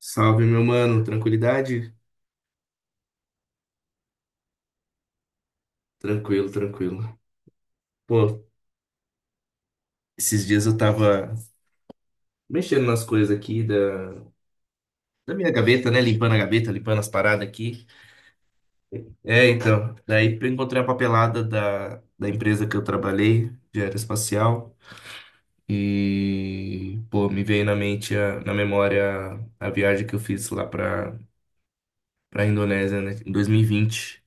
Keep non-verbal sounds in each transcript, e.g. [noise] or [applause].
Salve, meu mano. Tranquilidade? Tranquilo, tranquilo. Pô, esses dias eu tava mexendo nas coisas aqui da minha gaveta, né? Limpando a gaveta, limpando as paradas aqui. É, então. Daí eu encontrei a papelada da empresa que eu trabalhei, de aeroespacial. E, pô, me veio na mente, na memória, a viagem que eu fiz lá pra Indonésia, né? Em 2020.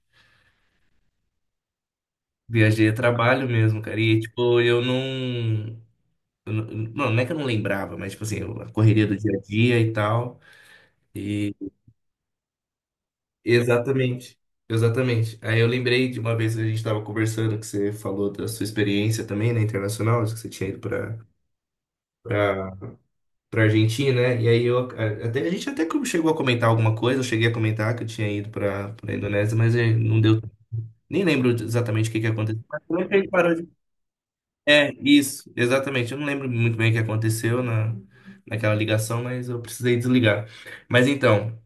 Viajei a trabalho mesmo, cara. E, tipo, eu não é que eu não lembrava, mas tipo assim, a correria do dia a dia e tal. E exatamente, exatamente. Aí eu lembrei de uma vez que a gente estava conversando que você falou da sua experiência também, né, internacional, que você tinha ido para para Argentina, né? E aí até a gente até que chegou a comentar alguma coisa, eu cheguei a comentar que eu tinha ido para Indonésia, mas não deu, nem lembro exatamente o que que aconteceu. Mas também a gente parou de... É, isso, exatamente. Eu não lembro muito bem o que aconteceu na, naquela ligação, mas eu precisei desligar. Mas então,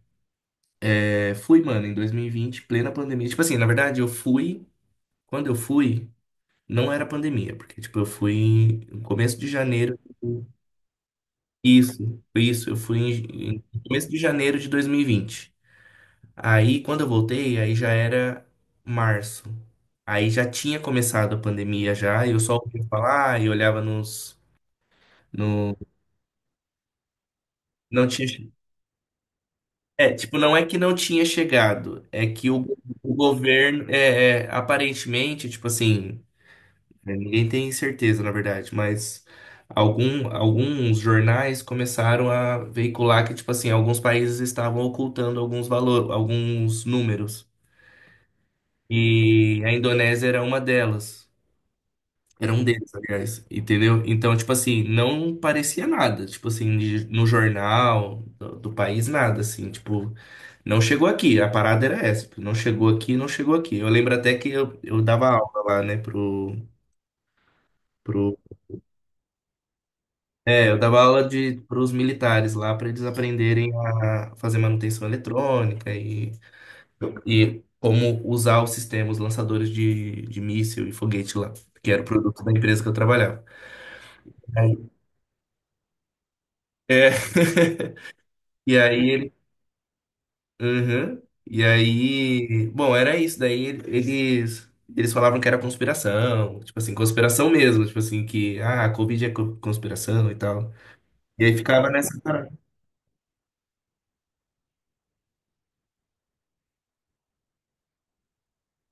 é, fui, mano, em 2020, plena pandemia. Tipo assim, na verdade, eu fui. Quando eu fui, não era pandemia, porque, tipo, eu fui no começo de janeiro. Isso, isso. Eu fui em, em começo de janeiro de 2020. Aí, quando eu voltei, aí já era março. Aí já tinha começado a pandemia já, e eu só ouvia falar e olhava nos. No, não tinha. É, tipo, não é que não tinha chegado, é que o governo, aparentemente, tipo assim, né, ninguém tem certeza, na verdade, mas alguns jornais começaram a veicular que, tipo assim, alguns países estavam ocultando alguns valores, alguns números, e a Indonésia era uma delas, era um deles, aliás, entendeu? Então, tipo assim, não parecia nada, tipo assim, no jornal do país, nada, assim, tipo... Não chegou aqui, a parada era essa. Tipo, não chegou aqui, não chegou aqui. Eu lembro até que eu dava aula lá, né, pro, pro... É, eu dava aula de, pros militares lá para eles aprenderem a fazer manutenção eletrônica e como usar os sistemas lançadores de míssil e foguete lá, que era o produto da empresa que eu trabalhava. Aí- É. [laughs] E aí Uhum. E aí, bom, era isso. Daí eles falavam que era conspiração, tipo assim, conspiração mesmo, tipo assim que ah, a Covid é conspiração e tal. E aí ficava nessa parada.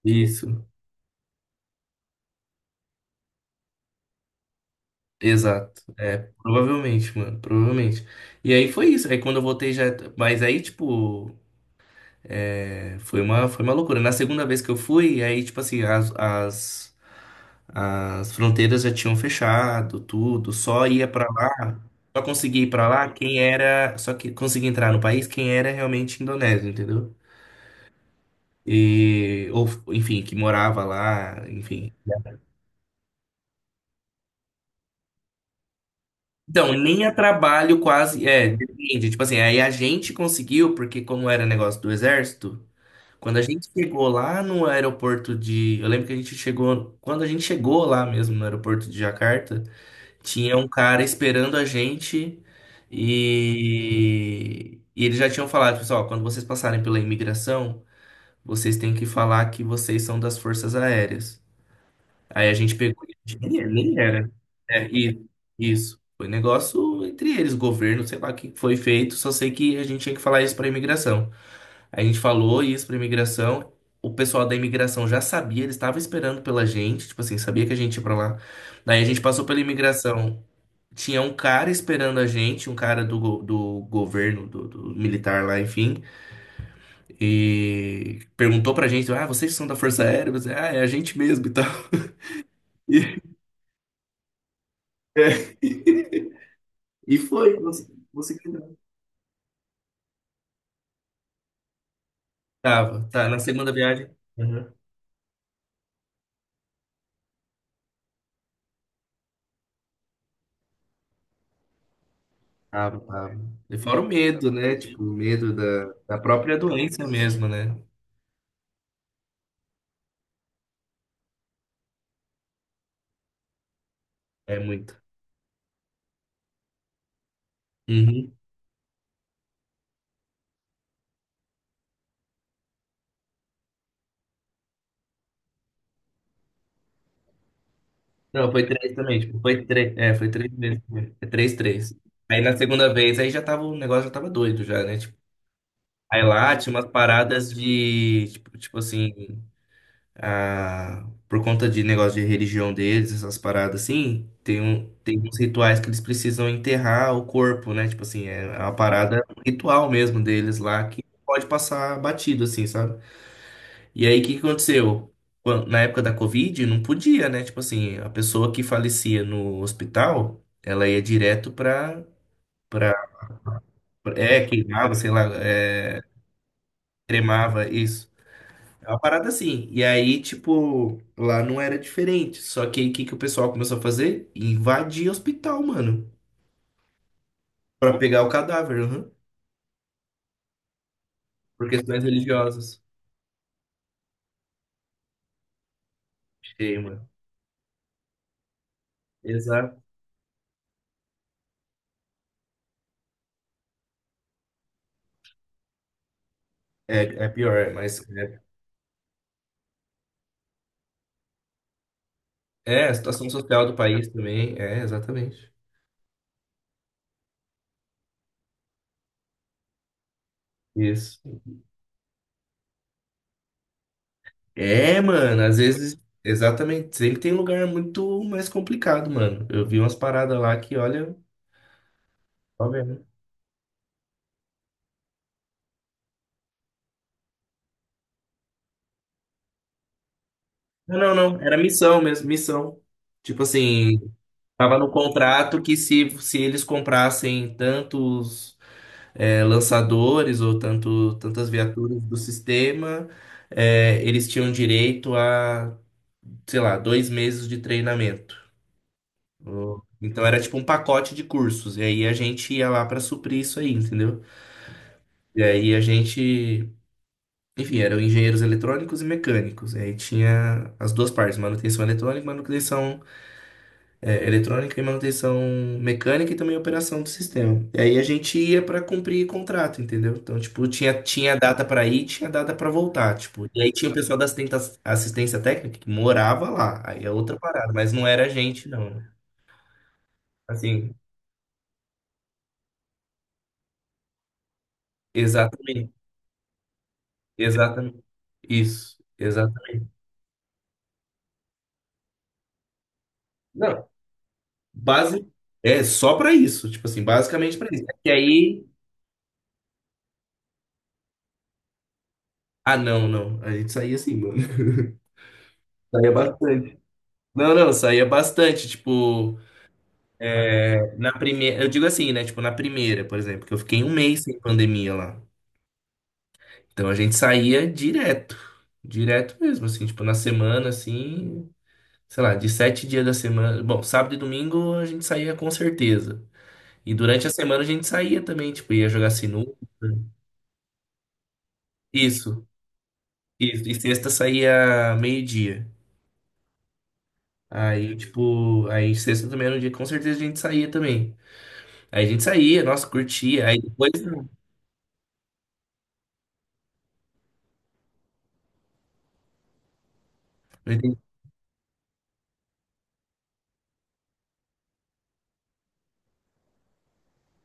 Isso, exato. É, provavelmente, mano, provavelmente. E aí foi isso. Aí quando eu voltei já, mas aí tipo, é, foi uma loucura. Na segunda vez que eu fui, aí tipo assim, as fronteiras já tinham fechado, tudo, só ia pra lá, só conseguia ir pra lá quem era, só que conseguia entrar no país quem era realmente indonésio, entendeu? E ou enfim, que morava lá, enfim. Então, nem a trabalho quase, é, depende, tipo assim, aí a gente conseguiu porque como era negócio do exército, quando a gente chegou lá no aeroporto de, eu lembro que a gente chegou, quando a gente chegou lá mesmo no aeroporto de Jacarta, tinha um cara esperando a gente e eles já tinham falado, pessoal, quando vocês passarem pela imigração, vocês têm que falar que vocês são das Forças Aéreas. Aí a gente pegou, e a gente nem era. É, e, isso. Foi negócio entre eles, governo, sei lá o que foi feito, só sei que a gente tinha que falar isso para imigração. A gente falou isso para imigração, o pessoal da imigração já sabia, eles estavam esperando pela gente, tipo assim, sabia que a gente ia para lá. Daí a gente passou pela imigração. Tinha um cara esperando a gente, um cara do governo, do militar lá, enfim, e perguntou pra gente: Ah, vocês são da Força Aérea? Eu disse, ah, é a gente mesmo e tal. [laughs] E, é. E foi, você, você que não. Tava, tá, na segunda viagem. Uhum. Tava, tava. E fora o medo, né? Tipo, o medo da própria doença mesmo, né? É muito. Uhum. Não, foi três também, tipo, foi três, é, foi três vezes. É três, três. Aí na segunda vez, aí já tava, o negócio já tava doido já, né? Tipo, aí lá tinha umas paradas de, tipo, tipo assim, ah, por conta de negócio de religião deles, essas paradas assim, tem, um, tem uns rituais que eles precisam enterrar o corpo, né? Tipo assim, é uma parada um ritual mesmo deles lá, que pode passar batido, assim, sabe? E aí o que que aconteceu? Na época da Covid, não podia, né? Tipo assim, a pessoa que falecia no hospital, ela ia direto pra, pra, é, queimava, sei lá, é, cremava isso. É uma parada assim. E aí, tipo, lá não era diferente. Só que aí o que que o pessoal começou a fazer? Invadir hospital, mano. Pra pegar o cadáver, aham. Por questões religiosas. Cheio, mano. Exato. É, é pior, é, mas é, é a situação social do país também. É, exatamente. Isso. É, mano, às vezes, exatamente. Sempre tem lugar muito mais complicado, mano. Eu vi umas paradas lá que, olha, só vendo. Não, não, não. Era missão mesmo, missão. Tipo assim, tava no contrato que se eles comprassem tantos é, lançadores ou tantas viaturas do sistema, é, eles tinham direito a, sei lá, dois meses de treinamento. Ou- Então era tipo um pacote de cursos. E aí a gente ia lá para suprir isso aí, entendeu? E aí a gente, enfim, eram engenheiros eletrônicos e mecânicos. E aí tinha as duas partes, manutenção eletrônica e manutenção é, eletrônica e manutenção mecânica e também operação do sistema. E aí a gente ia pra cumprir contrato, entendeu? Então, tipo, tinha data pra ir, tinha data pra voltar, tipo. E aí tinha o pessoal assistência técnica que morava lá. Aí é outra parada, mas não era a gente, não. né? Assim, exatamente, exatamente. Isso, exatamente. Não, base é só pra isso, tipo assim, basicamente pra isso. E aí, ah, não, não, a gente saía assim, mano. [laughs] Saía bastante. Não, não, saía bastante, tipo, é, na primeira, eu digo assim, né? Tipo, na primeira, por exemplo, que eu fiquei um mês sem pandemia lá. Então a gente saía direto, direto mesmo, assim, tipo, na semana, assim, sei lá, de sete dias da semana. Bom, sábado e domingo a gente saía com certeza. E durante a semana a gente saía também, tipo, ia jogar sinuca. Isso, isso. E sexta saía meio-dia. Aí, tipo, aí sexta também era um dia que com certeza a gente saía também. Aí a gente saía, nossa, curtia. Aí depois,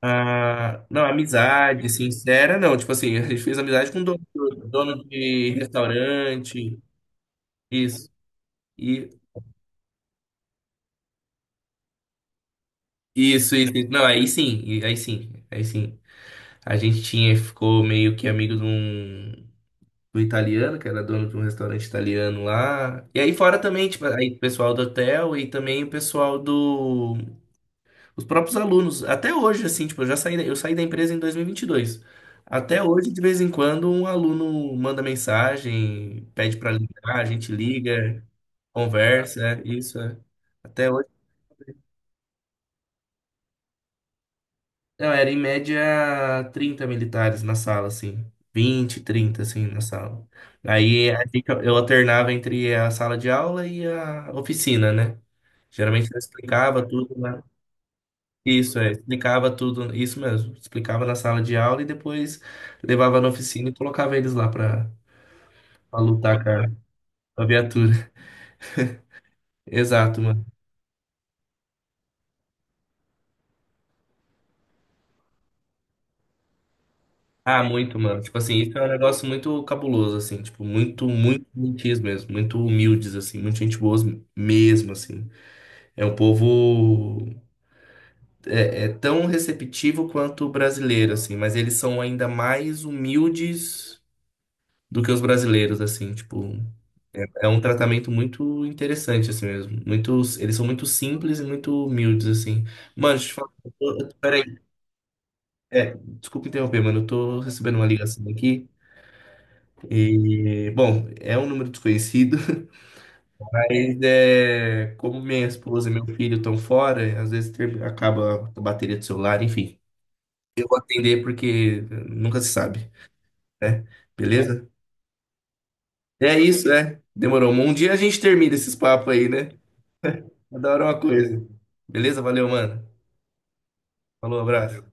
ah, não, amizade sincera, não. Tipo assim, a gente fez amizade com dono de restaurante, isso. E isso. Não, aí sim, aí sim, aí sim. A gente tinha, ficou meio que amigo de um, do italiano, que era dono de um restaurante italiano lá. E aí fora também, tipo, aí o pessoal do hotel e também o pessoal do Os próprios alunos, até hoje, assim, tipo, eu já saí, eu saí da empresa em 2022. Até hoje, de vez em quando, um aluno manda mensagem, pede para ligar, a gente liga, conversa, é isso. É. Até hoje, não, era em média 30 militares na sala, assim. 20, 30, assim, na sala. Eu alternava entre a sala de aula e a oficina, né? Geralmente eu explicava tudo, né? Isso, é, explicava tudo, isso mesmo. Explicava na sala de aula e depois levava na oficina e colocava eles lá pra, pra lutar com a viatura. [laughs] Exato, mano. Ah, muito, mano. Tipo assim, isso é um negócio muito cabuloso, assim. Tipo, muito, muito gentis mesmo. Muito humildes, assim. Muito gente boa mesmo, assim. É um povo... É, é tão receptivo quanto o brasileiro, assim. Mas eles são ainda mais humildes do que os brasileiros, assim, tipo, é, é um tratamento muito interessante, assim mesmo. Muitos, eles são muito simples e muito humildes, assim. Mano, deixa eu te falar, peraí, é, desculpa interromper, mano, eu tô recebendo uma ligação aqui. E, bom, é um número desconhecido, [laughs] mas é, como minha esposa e meu filho estão fora, às vezes acaba a bateria do celular, enfim. Atender porque nunca se sabe, né? Beleza? É isso, né? Demorou. Um dia a gente termina esses papos aí, né? Adoro uma coisa. Beleza? Valeu, mano. Falou, abraço.